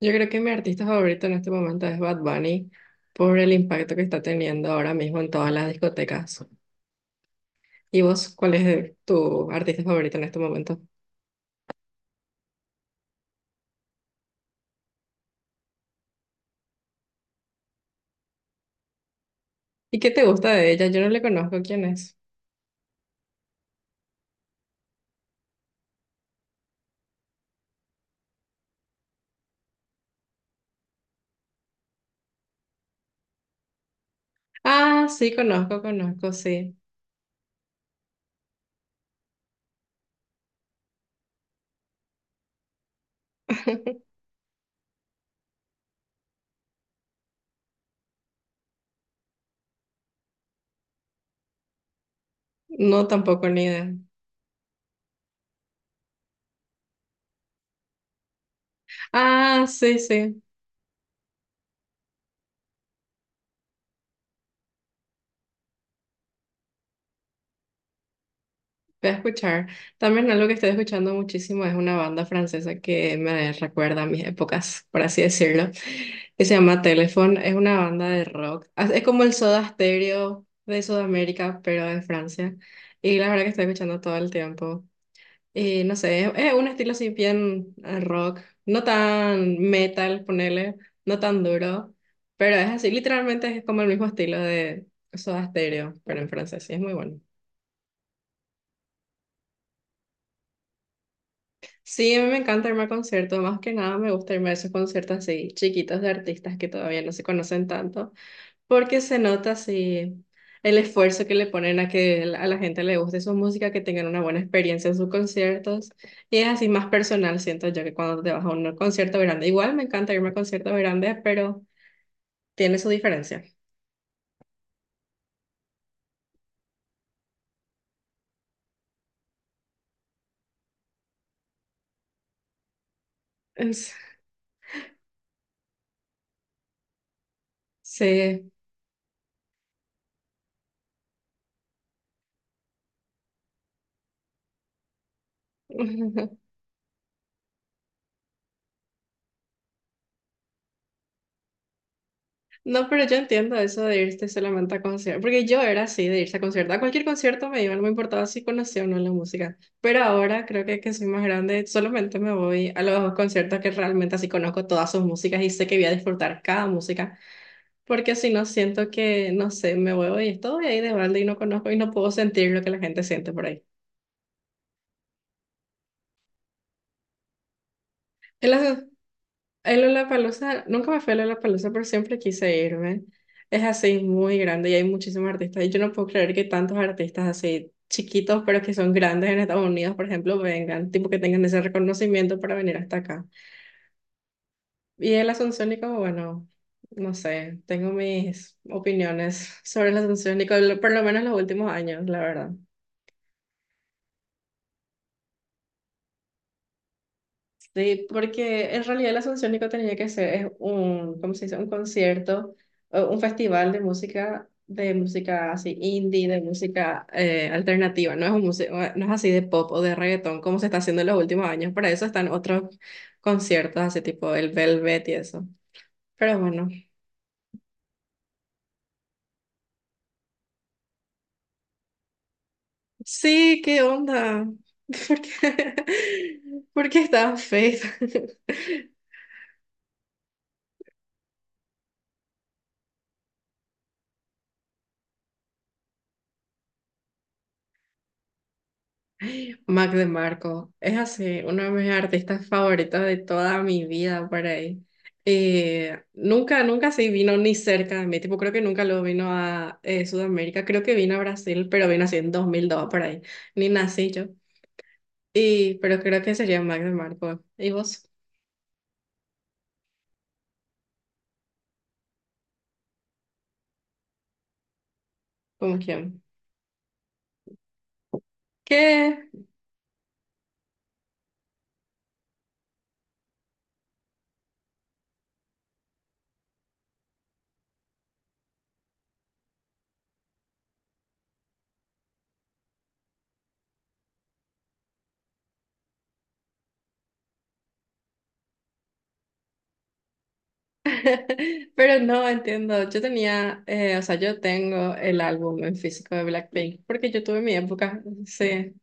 Yo creo que mi artista favorito en este momento es Bad Bunny por el impacto que está teniendo ahora mismo en todas las discotecas. ¿Y vos, cuál es tu artista favorito en este momento? ¿Y qué te gusta de ella? Yo no le conozco quién es. Ah, sí, conozco, conozco, sí. No, tampoco ni idea. Ah, sí, sí, voy a escuchar. También algo que estoy escuchando muchísimo es una banda francesa que me recuerda a mis épocas, por así decirlo, que se llama Telephone, es una banda de rock. Ah, es como el Soda Stereo de Sudamérica, pero de Francia. Y la verdad que estoy escuchando todo el tiempo. Y no sé, es un estilo así bien rock, no tan metal, ponele, no tan duro, pero es así, literalmente es como el mismo estilo de Soda Stereo, pero en francés, sí, es muy bueno. Sí, a mí me encanta irme a conciertos, más que nada me gusta irme a esos conciertos así chiquitos de artistas que todavía no se conocen tanto. Porque se nota así el esfuerzo que le ponen a que a la gente le guste su música, que tengan una buena experiencia en sus conciertos. Y es así más personal, siento yo, que cuando te vas a un concierto grande. Igual me encanta irme a conciertos grandes, pero tiene su diferencia. Es- Sí. No, pero yo entiendo eso de irte solamente a conciertos, porque yo era así, de irse a conciertos. A cualquier concierto me iba, no me importaba si conocía o no la música. Pero ahora creo que soy más grande, solamente me voy a los conciertos que realmente así conozco todas sus músicas y sé que voy a disfrutar cada música, porque si no siento que, no sé, me voy y estoy ahí de balde y no conozco y no puedo sentir lo que la gente siente por ahí. En las- El Lollapalooza, nunca me fui al Lollapalooza, pero siempre quise irme. Es así muy grande y hay muchísimos artistas. Y yo no puedo creer que tantos artistas así chiquitos, pero que son grandes en Estados Unidos, por ejemplo, vengan, tipo que tengan ese reconocimiento para venir hasta acá. Y el Asunciónico, bueno, no sé, tengo mis opiniones sobre el Asunciónico, por lo menos los últimos años, la verdad. Sí, porque en realidad la el Asunciónico tenía que ser es un, ¿cómo se dice? Un concierto, o un festival de música así indie, de música alternativa. No es así de pop o de reggaetón como se está haciendo en los últimos años. Para eso están otros conciertos, así tipo el Velvet y eso. Pero bueno, sí, ¿qué onda? ¿Por qué, por qué estás feliz? Mac DeMarco, es así, uno de mis artistas favoritos de toda mi vida por ahí. Nunca sí vino ni cerca de mí, tipo, creo que nunca lo vino a Sudamérica, creo que vino a Brasil, pero vino así en 2002 por ahí, ni nací yo. Y, pero creo que sería Mac DeMarco. ¿Y vos? ¿Cómo quién? ¿Qué? Pero no entiendo, o sea, yo tengo el álbum en físico de Blackpink, porque yo tuve mi época, sí,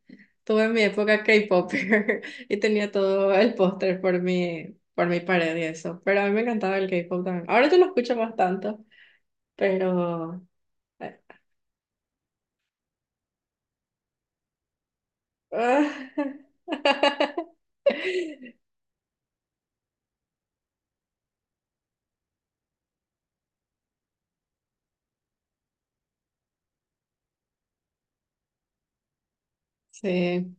tuve mi época K-pop, y tenía todo el póster por mi, pared y eso, pero a mí me encantaba el K-pop también. Ahora yo lo escucho más tanto, pero... eh, sí,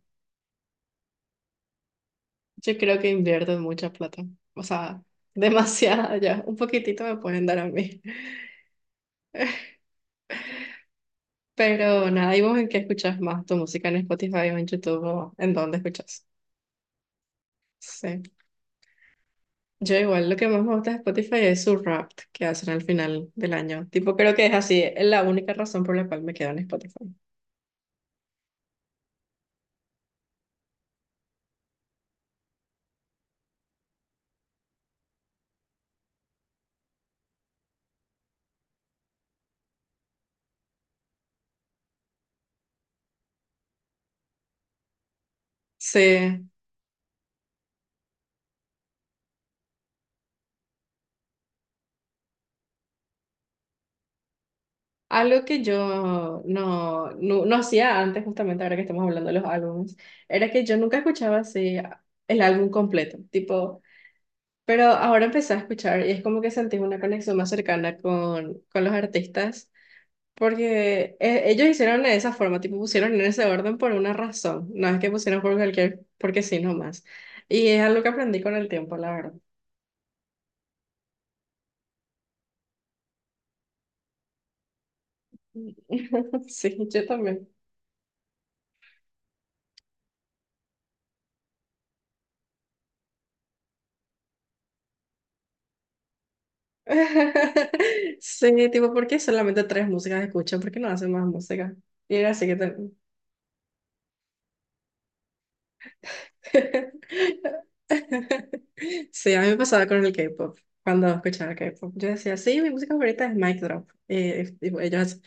yo creo que invierten mucha plata, o sea, demasiada ya, un poquitito me pueden dar a mí. Pero nada, ¿y vos en qué escuchas más tu música en Spotify o en YouTube o en dónde escuchas? Sí. Yo igual lo que más me gusta de Spotify es su rap que hacen al final del año. Tipo, creo que es así, es la única razón por la cual me quedo en Spotify. Sí. Algo que yo no hacía antes, justamente ahora que estamos hablando de los álbumes, era que yo nunca escuchaba así el álbum completo. Tipo, pero ahora empecé a escuchar y es como que sentí una conexión más cercana con, los artistas. Porque ellos hicieron de esa forma, tipo pusieron en ese orden por una razón, no es que pusieron por cualquier, porque sí, nomás. Y es algo que aprendí con el tiempo, la verdad. Sí, yo también. Sí, tipo, ¿por qué solamente tres músicas escuchan? ¿Por qué no hacen más música? Y era así que, también. Sí, a mí me pasaba con el K-pop, cuando escuchaba K-pop. Yo decía, sí, mi música favorita es Mic Drop. Y, ellos,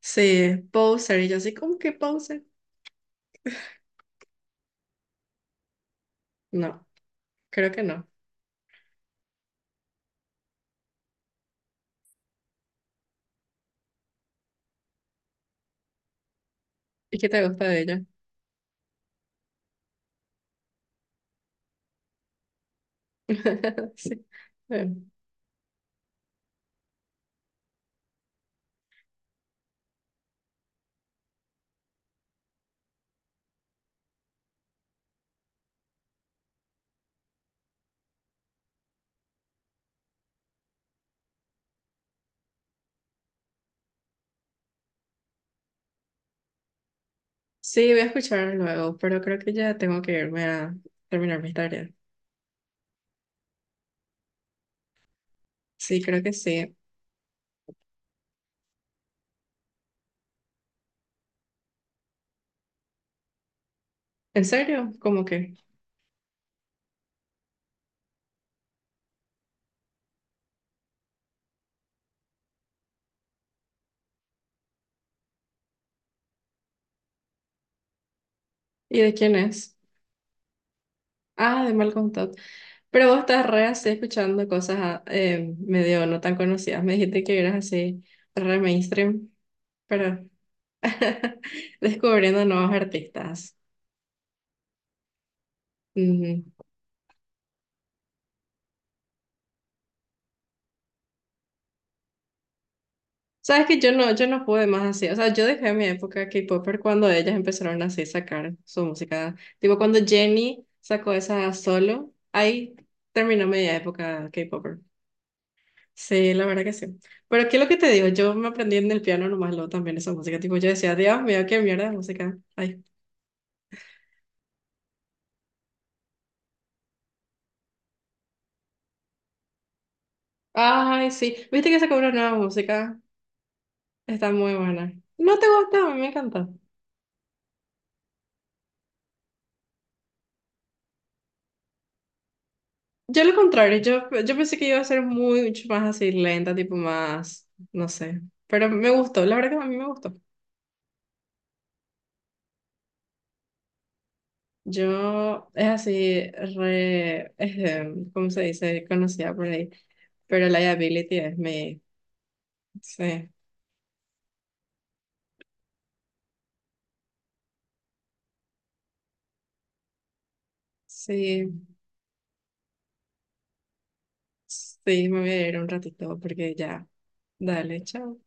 sí, Poser. Y yo así, ¿cómo que Poser? No, creo que no. ¿Y qué te gusta de ella? Sí. Bueno, sí, voy a escuchar luego, pero creo que ya tengo que irme a terminar mi tarea. Sí, creo que sí. ¿En serio? ¿Cómo que? ¿Y de quién es? Ah, de Malcolm Todd. Pero vos estás re así escuchando cosas medio no tan conocidas. Me dijiste que eras así re mainstream, pero descubriendo nuevos artistas. Ujú. Sabes que yo no pude más así. O sea, yo dejé mi época K-Popper cuando ellas empezaron así a sacar su música. Tipo, cuando Jennie sacó esa solo, ahí terminó mi época K-Popper. Sí, la verdad que sí. Pero ¿qué es lo que te digo? Yo me aprendí en el piano nomás lo también esa música. Tipo, yo decía, Dios mío, qué mierda de música. Ay. Ay, sí. ¿Viste que sacó una nueva música? Está muy buena. ¿No te gusta? A mí me encanta. Yo lo contrario, yo pensé que iba a ser mucho más así lenta, tipo más, no sé, pero me gustó, la verdad que a mí me gustó. Yo es así, re, ¿cómo se dice? Conocida por ahí, pero liability es mi, sí, sí, sí, me voy a ir un ratito porque ya, dale, chao.